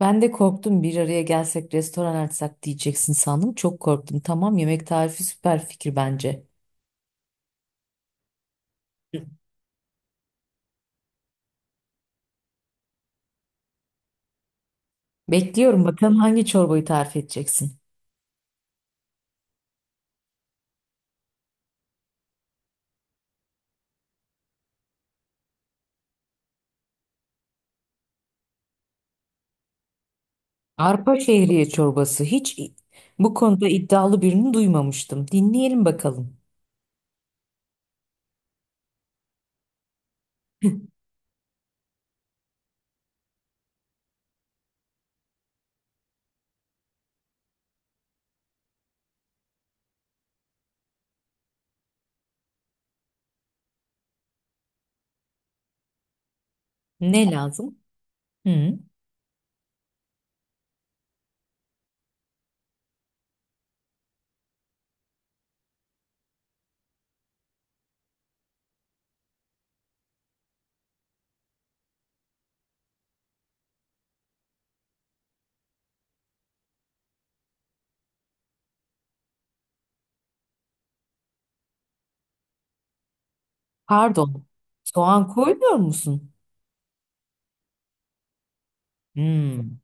Ben de korktum bir araya gelsek restoran açsak diyeceksin sandım. Çok korktum. Tamam, yemek tarifi süper fikir bence. Bekliyorum bakalım hangi çorbayı tarif edeceksin. Arpa şehriye çorbası. Bu konuda iddialı birini duymamıştım. Dinleyelim bakalım. Ne lazım? Hı. Pardon. Soğan koymuyor musun? Hmm.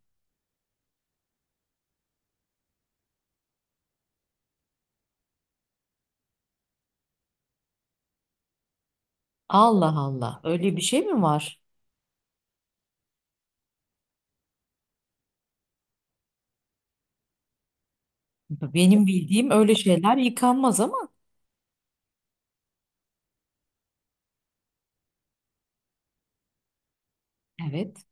Allah Allah. Öyle bir şey mi var? Benim bildiğim öyle şeyler yıkanmaz ama. Evet.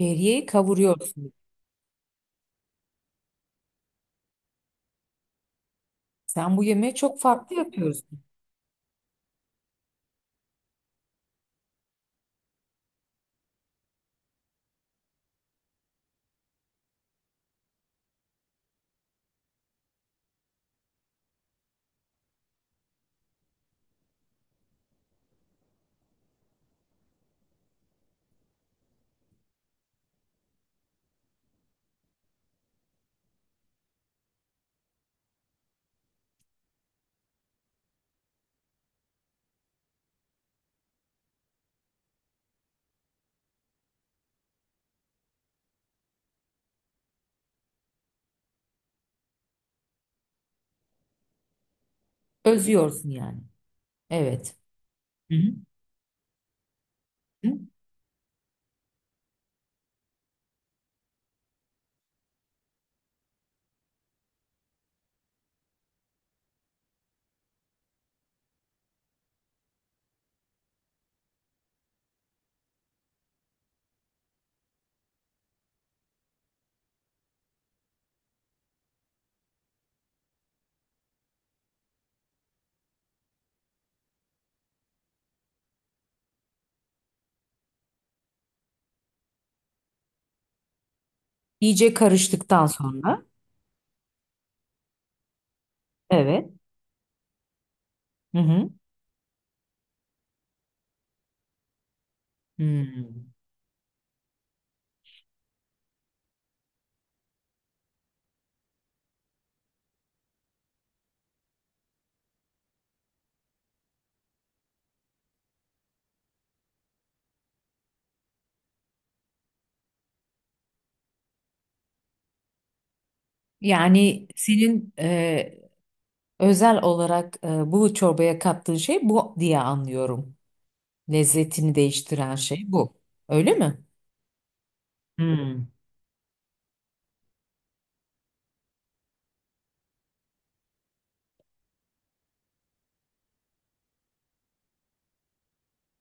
Şehriyeyi kavuruyorsun. Sen bu yemeği çok farklı yapıyorsun. Özüyorsun yani. Evet. Hı hı. Hı. İyice karıştıktan sonra. Evet. Hı hı. Hmm. Yani senin özel olarak bu çorbaya kattığın şey bu diye anlıyorum. Lezzetini değiştiren şey bu. Öyle mi? Hmm.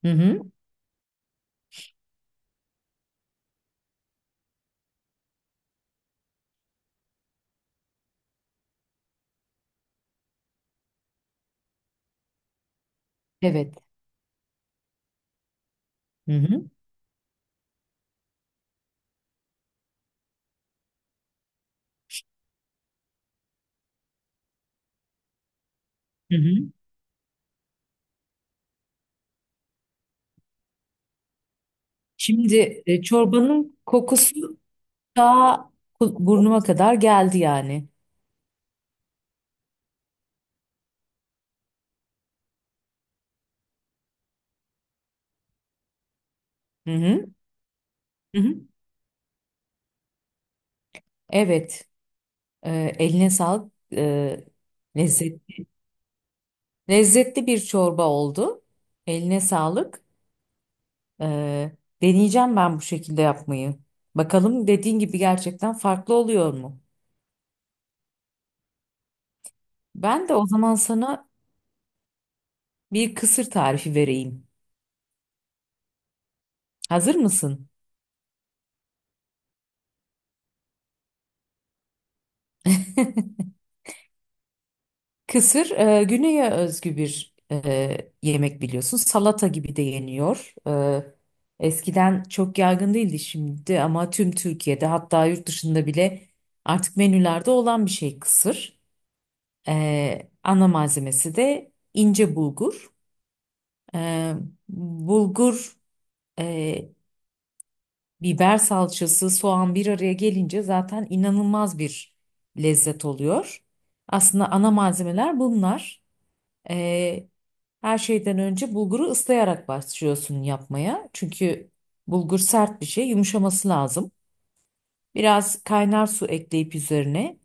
Hı hı. Evet. Hı hı. Hı hı. Şimdi çorbanın kokusu daha burnuma kadar geldi yani. Hı hı. Hı hı. Evet. Eline sağlık. Lezzetli. Lezzetli bir çorba oldu. Eline sağlık. Ee, Deneyeceğim ben bu şekilde yapmayı. Bakalım dediğin gibi gerçekten farklı oluyor mu? Ben de o zaman sana bir kısır tarifi vereyim. Hazır mısın? Kısır güneye özgü bir yemek biliyorsun. Salata gibi de yeniyor. Eskiden çok yaygın değildi şimdi ama tüm Türkiye'de hatta yurt dışında bile artık menülerde olan bir şey kısır. Ana malzemesi de ince bulgur. E, Bulgur, e, biber salçası, soğan bir araya gelince zaten inanılmaz bir lezzet oluyor. Aslında ana malzemeler bunlar. Ee, Her şeyden önce bulguru ıslayarak başlıyorsun yapmaya. Çünkü bulgur sert bir şey, yumuşaması lazım. Biraz kaynar su ekleyip üzerine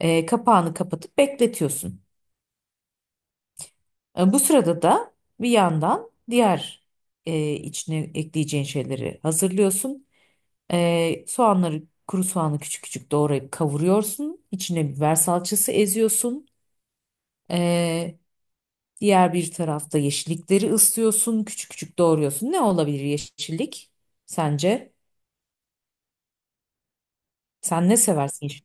kapağını kapatıp bekletiyorsun. Bu sırada da bir yandan diğer içine ekleyeceğin şeyleri hazırlıyorsun. Soğanları, kuru soğanı küçük küçük doğrayıp kavuruyorsun. İçine biber salçası eziyorsun. E, Diğer bir tarafta yeşillikleri ıslıyorsun, küçük küçük doğruyorsun. Ne olabilir yeşillik sence? Sen ne seversin yeşil?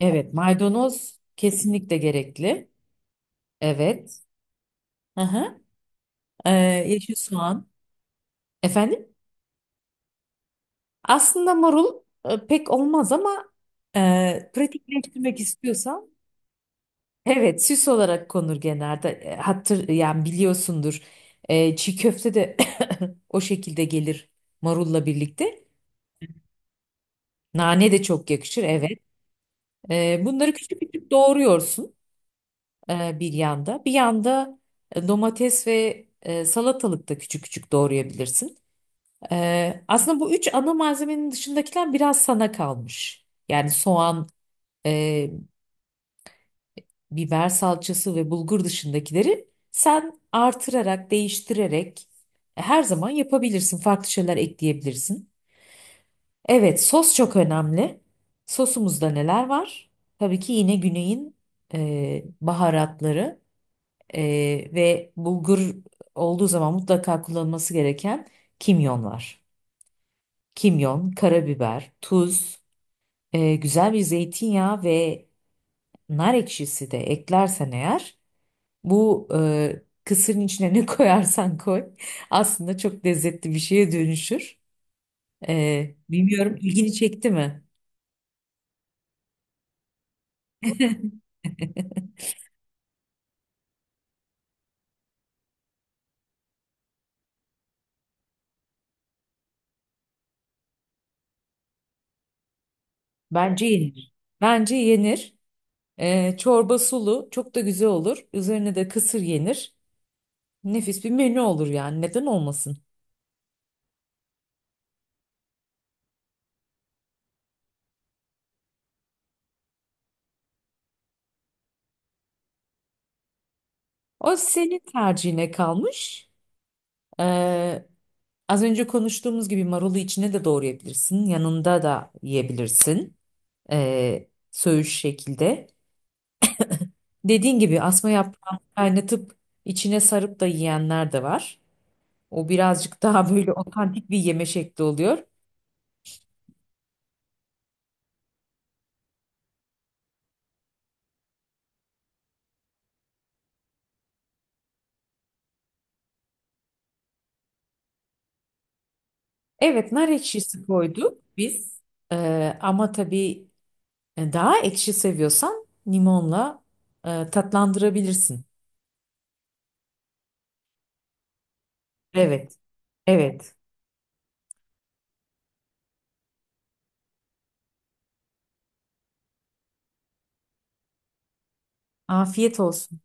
Evet, maydanoz kesinlikle gerekli. Evet. Hı hı. Ee, Yeşil soğan. Efendim? Aslında marul pek olmaz ama pratikleştirmek istiyorsan evet, süs olarak konur genelde. Hatır yani biliyorsundur. Çiğ köfte de o şekilde gelir marulla birlikte. Nane de çok yakışır. Evet. Bunları küçük küçük doğruyorsun bir yanda. Bir yanda domates ve salatalık da küçük küçük doğrayabilirsin. Aslında bu üç ana malzemenin dışındakiler biraz sana kalmış. Yani soğan, e, biber salçası ve bulgur dışındakileri sen artırarak, değiştirerek her zaman yapabilirsin. Farklı şeyler ekleyebilirsin. Evet, sos çok önemli. Sosumuzda neler var? Tabii ki yine güneyin baharatları. Ve bulgur olduğu zaman mutlaka kullanılması gereken kimyon var. Kimyon, karabiber, tuz, güzel bir zeytinyağı ve nar ekşisi de eklersen eğer bu kısırın içine ne koyarsan koy aslında çok lezzetli bir şeye dönüşür. Bilmiyorum, ilgini çekti mi? Bence yenir. Bence yenir. Çorba sulu çok da güzel olur. Üzerine de kısır yenir. Nefis bir menü olur yani, neden olmasın? O senin tercihine kalmış. Ee, Az önce konuştuğumuz gibi marulu içine de doğrayabilirsin. Yanında da yiyebilirsin. Söğüş şekilde. Dediğin gibi asma yaprağını kaynatıp içine sarıp da yiyenler de var. O birazcık daha böyle otantik bir yeme şekli oluyor. Evet, nar ekşisi koyduk biz. Ama tabii daha ekşi seviyorsan limonla tatlandırabilirsin. Evet, evet. Afiyet olsun.